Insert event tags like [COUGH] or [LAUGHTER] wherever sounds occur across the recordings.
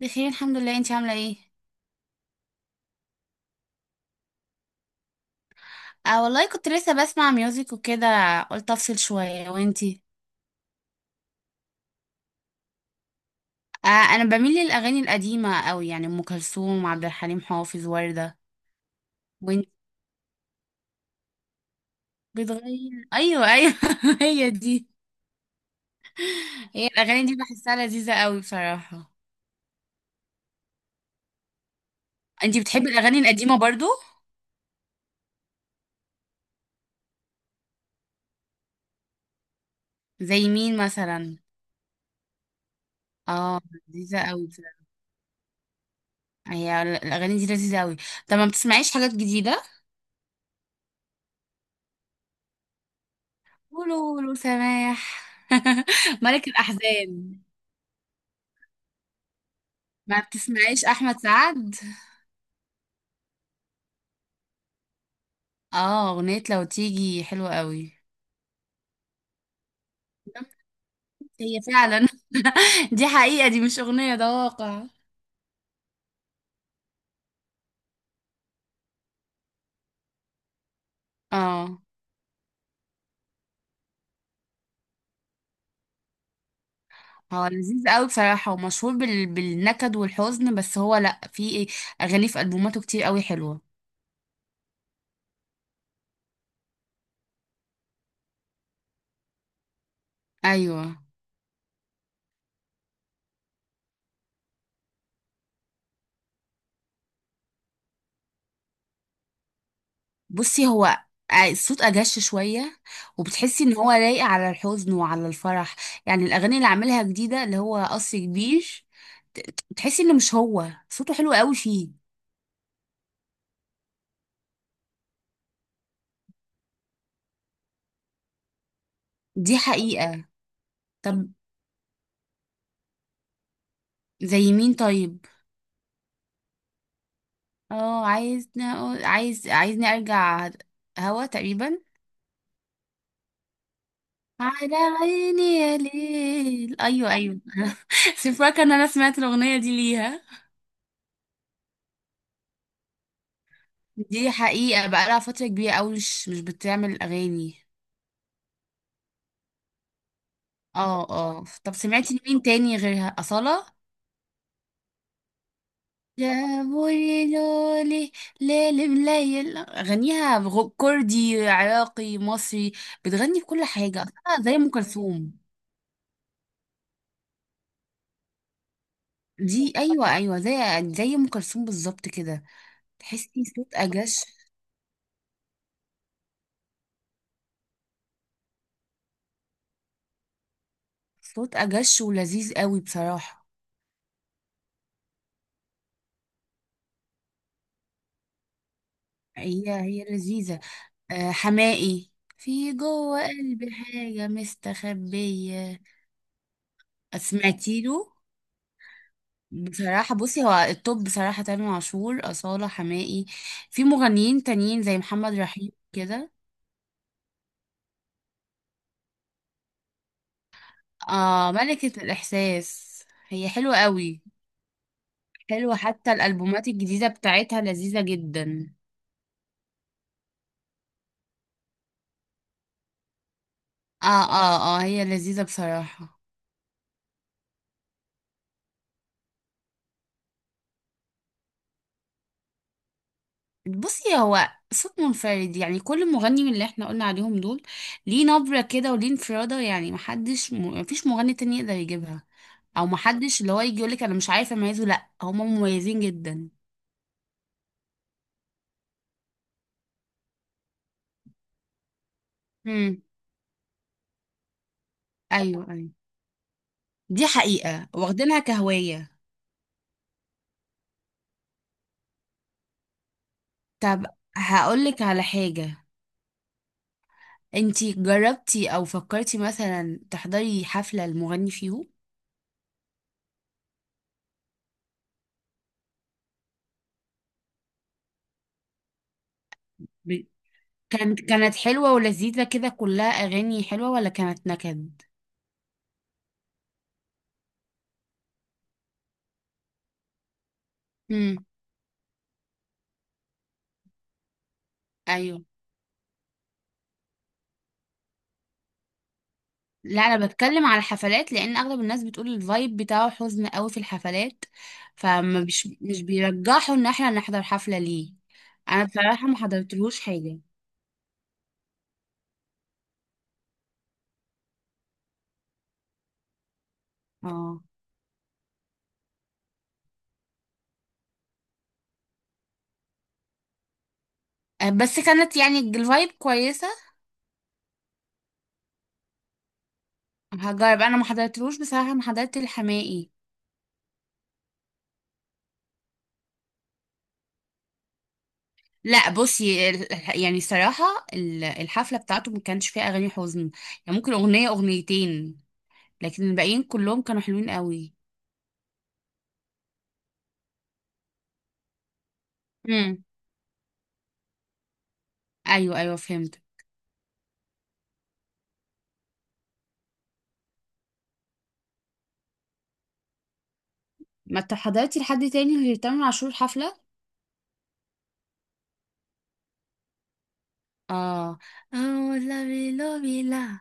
بخير الحمد لله. انتي عامله ايه؟ آه والله، كنت لسه بسمع ميوزك وكده. قلت افصل شويه. وانتي؟ آه، انا بميل للاغاني القديمه قوي، يعني ام كلثوم، عبد الحليم حافظ، ورده. وانت؟ بتغير. ايوه ايوه. [LAUGHS] هي دي. هي الاغاني دي بحسها لذيذه قوي بصراحه. انتي بتحبي الاغاني القديمه برضو؟ زي مين مثلا؟ اه. لذيذه قوي بصراحه. هي الاغاني دي لذيذه قوي. طب ما بتسمعيش حاجات جديده؟ قولوا قولوا سماح. [LAUGHS] ملك الاحزان. ما بتسمعيش احمد سعد؟ اه. اغنية لو تيجي حلوة قوي. هي فعلا. [LAUGHS] دي حقيقة، دي مش اغنية، ده واقع. اه. هو لذيذ قوي بصراحة، ومشهور بالنكد والحزن. بس هو لا، في اغاني في البوماته كتير قوي حلوة. ايوه. بصي هو الصوت اجش شوية. وبتحسي ان هو لايق على الحزن وعلى الفرح. يعني الاغاني اللي عاملها جديدة، اللي هو قصر كبير. تحسي انه، مش هو صوته حلو قوي فيه. دي حقيقة. طب زي مين طيب؟ اه. عايزني أقول- عايز عايزني ارجع. هوا تقريبا. على عيني يا ليل. ايوه ايوه. [LAUGHS] سيبك ان انا سمعت الاغنيه دي ليها. دي حقيقه، بقى لها فتره كبيره قوي، مش بتعمل اغاني. اه اه. طب سمعتي لمين تاني غيرها؟ اصاله؟ جابولي لولي. ليل مليل غنيها. كردي عراقي مصري. بتغني في كل حاجه أصالة، زي ام كلثوم. دي. ايوه ايوه، زي ام كلثوم بالظبط كده. تحسي صوت اجش. صوت اجش ولذيذ قوي بصراحه. هي لذيذه. آه، حماقي. في جوه قلبي حاجه مستخبيه. سمعتي له؟ بصراحه بصي هو التوب بصراحه، تامر عاشور، اصاله، حماقي. في مغنيين تانيين زي محمد رحيم كده. اه، ملكه الاحساس. هي حلوه قوي. حلوه، حتى الالبومات الجديده بتاعتها لذيذه جدا. اه اه اه، هي لذيذة بصراحة. بصي هو صوت منفرد، يعني كل مغني من اللي احنا قلنا عليهم دول ليه نبرة كده وليه انفرادة. يعني محدش مفيش مغني تاني يقدر يجيبها. او محدش اللي هو يجي يقولك انا مش عارف اميزه. لا، هما مميزين جدا. امم. ايوه ايوه، دي حقيقة، واخدينها كهواية. طب هقولك على حاجة. انتي جربتي او فكرتي مثلا تحضري حفلة المغني فيهم؟ كانت حلوة ولذيذة كده، كلها أغاني حلوة، ولا كانت نكد؟ امم. أيوه. لا، أنا بتكلم على الحفلات، لأن أغلب الناس بتقول الفايب بتاعه حزن قوي في الحفلات. فما بيش، مش بيرجحوا إن احنا نحضر حفلة ليه. أنا بصراحة ما حضرتلهوش حاجة. اه. بس كانت يعني الفايب كويسة. هجرب. أنا ما حضرتلوش بصراحة، ما حضرت الحماقي. لا بصي، يعني صراحة. الحفلة بتاعته ما كانش فيها أغاني حزن. يعني ممكن أغنية أغنيتين. لكن الباقيين كلهم كانوا حلوين قوي. امم. ايوه ايوه، فهمت. ما انت حضرتي لحد تاني غير تامر عاشور الحفله؟ اه. اه، لافي لوبي، لا بلا.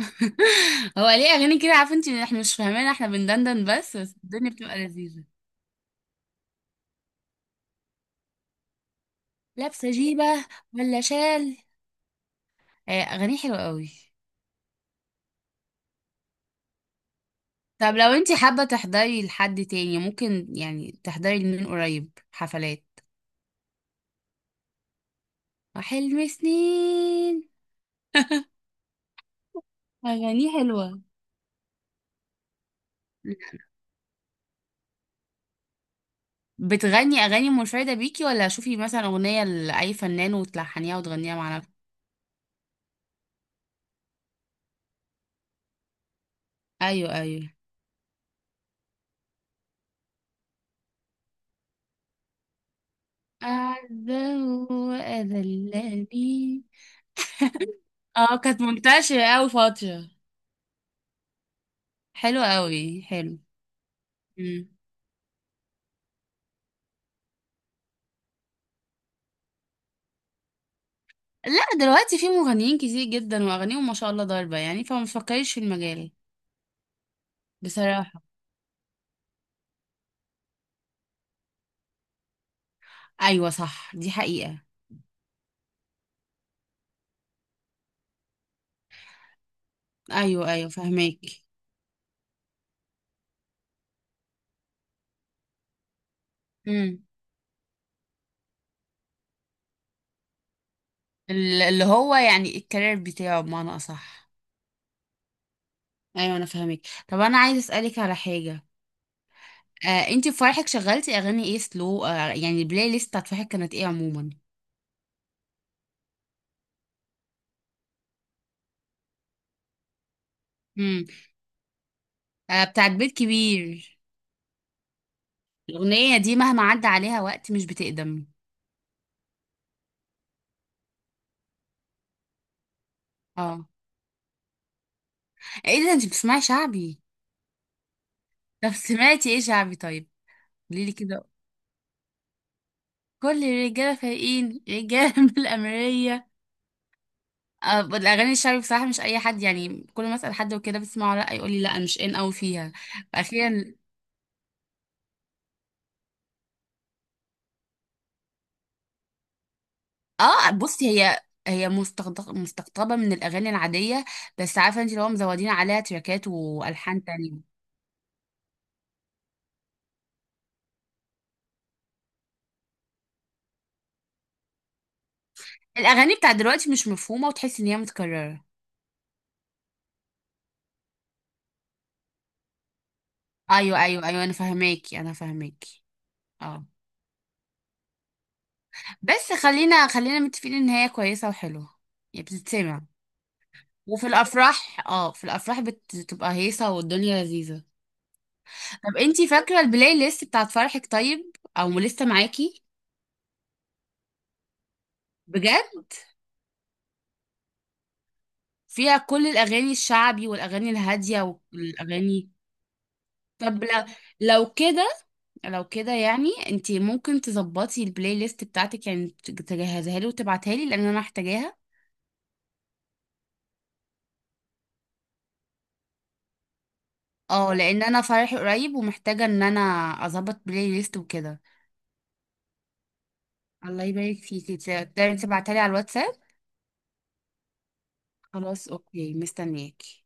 بلا. [LAUGHS] هو ليه اغاني كده؟ عارفه انت، احنا مش فاهمين، احنا بندندن بس بس، الدنيا بتبقى لذيذه. لابسه جيبه؟ ولا شال؟ اغاني حلوه قوي. طب لو انت حابه تحضري لحد تاني، ممكن يعني تحضري لمين؟ قريب حفلات. وحلم سنين. [LAUGHS] اغاني حلوه. بتغني اغاني منفرده بيكي، ولا شوفي مثلا اغنيه لاي فنان وتلحنيها وتغنيها مع نفسك؟ ايوه ايوه. اعزه. اذلني. اه، كانت منتشره قوي فتره. حلوه قوي، حلو. مم. لا، دلوقتي في مغنيين كتير جدا، واغانيهم ما شاء الله ضاربه، يعني فما تفكريش في المجال. بصراحه. ايوه صح، دي حقيقه. ايوه ايوه، فهماك. امم. اللي هو يعني الكارير بتاعه بمعنى اصح. ايوه انا فاهمك. طب انا عايز اسالك على حاجه. آه، انتي في فرحك شغلتي اغاني ايه؟ سلو، يعني البلاي ليست بتاعت فرحك كانت ايه عموما؟ امم. آه، بتاعت بيت كبير. الاغنيه دي مهما عدى عليها وقت مش بتقدم. اه، ايه ده؟ انتي بتسمعي شعبي؟ طب سمعتي ايه شعبي طيب؟ قوليلي كده. كل الرجاله فايقين رجاله [LAUGHS] من الامريه. الاغاني الشعبي بصراحه مش اي حد، يعني كل ما اسال حد وكده بتسمعه، لا يقول لي لا مش ان قوي فيها. فاخيرا. اه. بصي هي مستقطبه من الاغاني العاديه. بس عارفه انت، لو مزودين عليها تراكات والحان تانية. الاغاني بتاع دلوقتي مش مفهومه، وتحسي ان هي متكرره. ايوه ايوه ايوه، انا فاهماكي انا فاهماكي. اه، بس خلينا خلينا متفقين ان هي كويسه وحلوه. يعني بتتسمع. وفي الافراح، في الافراح بتبقى هيصه والدنيا لذيذه. طب انتي فاكره البلاي ليست بتاعت فرحك طيب، او لسه معاكي؟ بجد؟ فيها كل الاغاني الشعبي والاغاني الهاديه والاغاني. طب لو كده لو كده، يعني انت ممكن تظبطي البلاي ليست بتاعتك، يعني تجهزها لي وتبعتها لي، لان انا محتاجاها. اه، لان انا فرحي قريب ومحتاجه ان انا اظبط بلاي ليست وكده. الله يبارك فيكي، تقدري تبعتها لي على الواتساب؟ خلاص، اوكي، مستنياكي.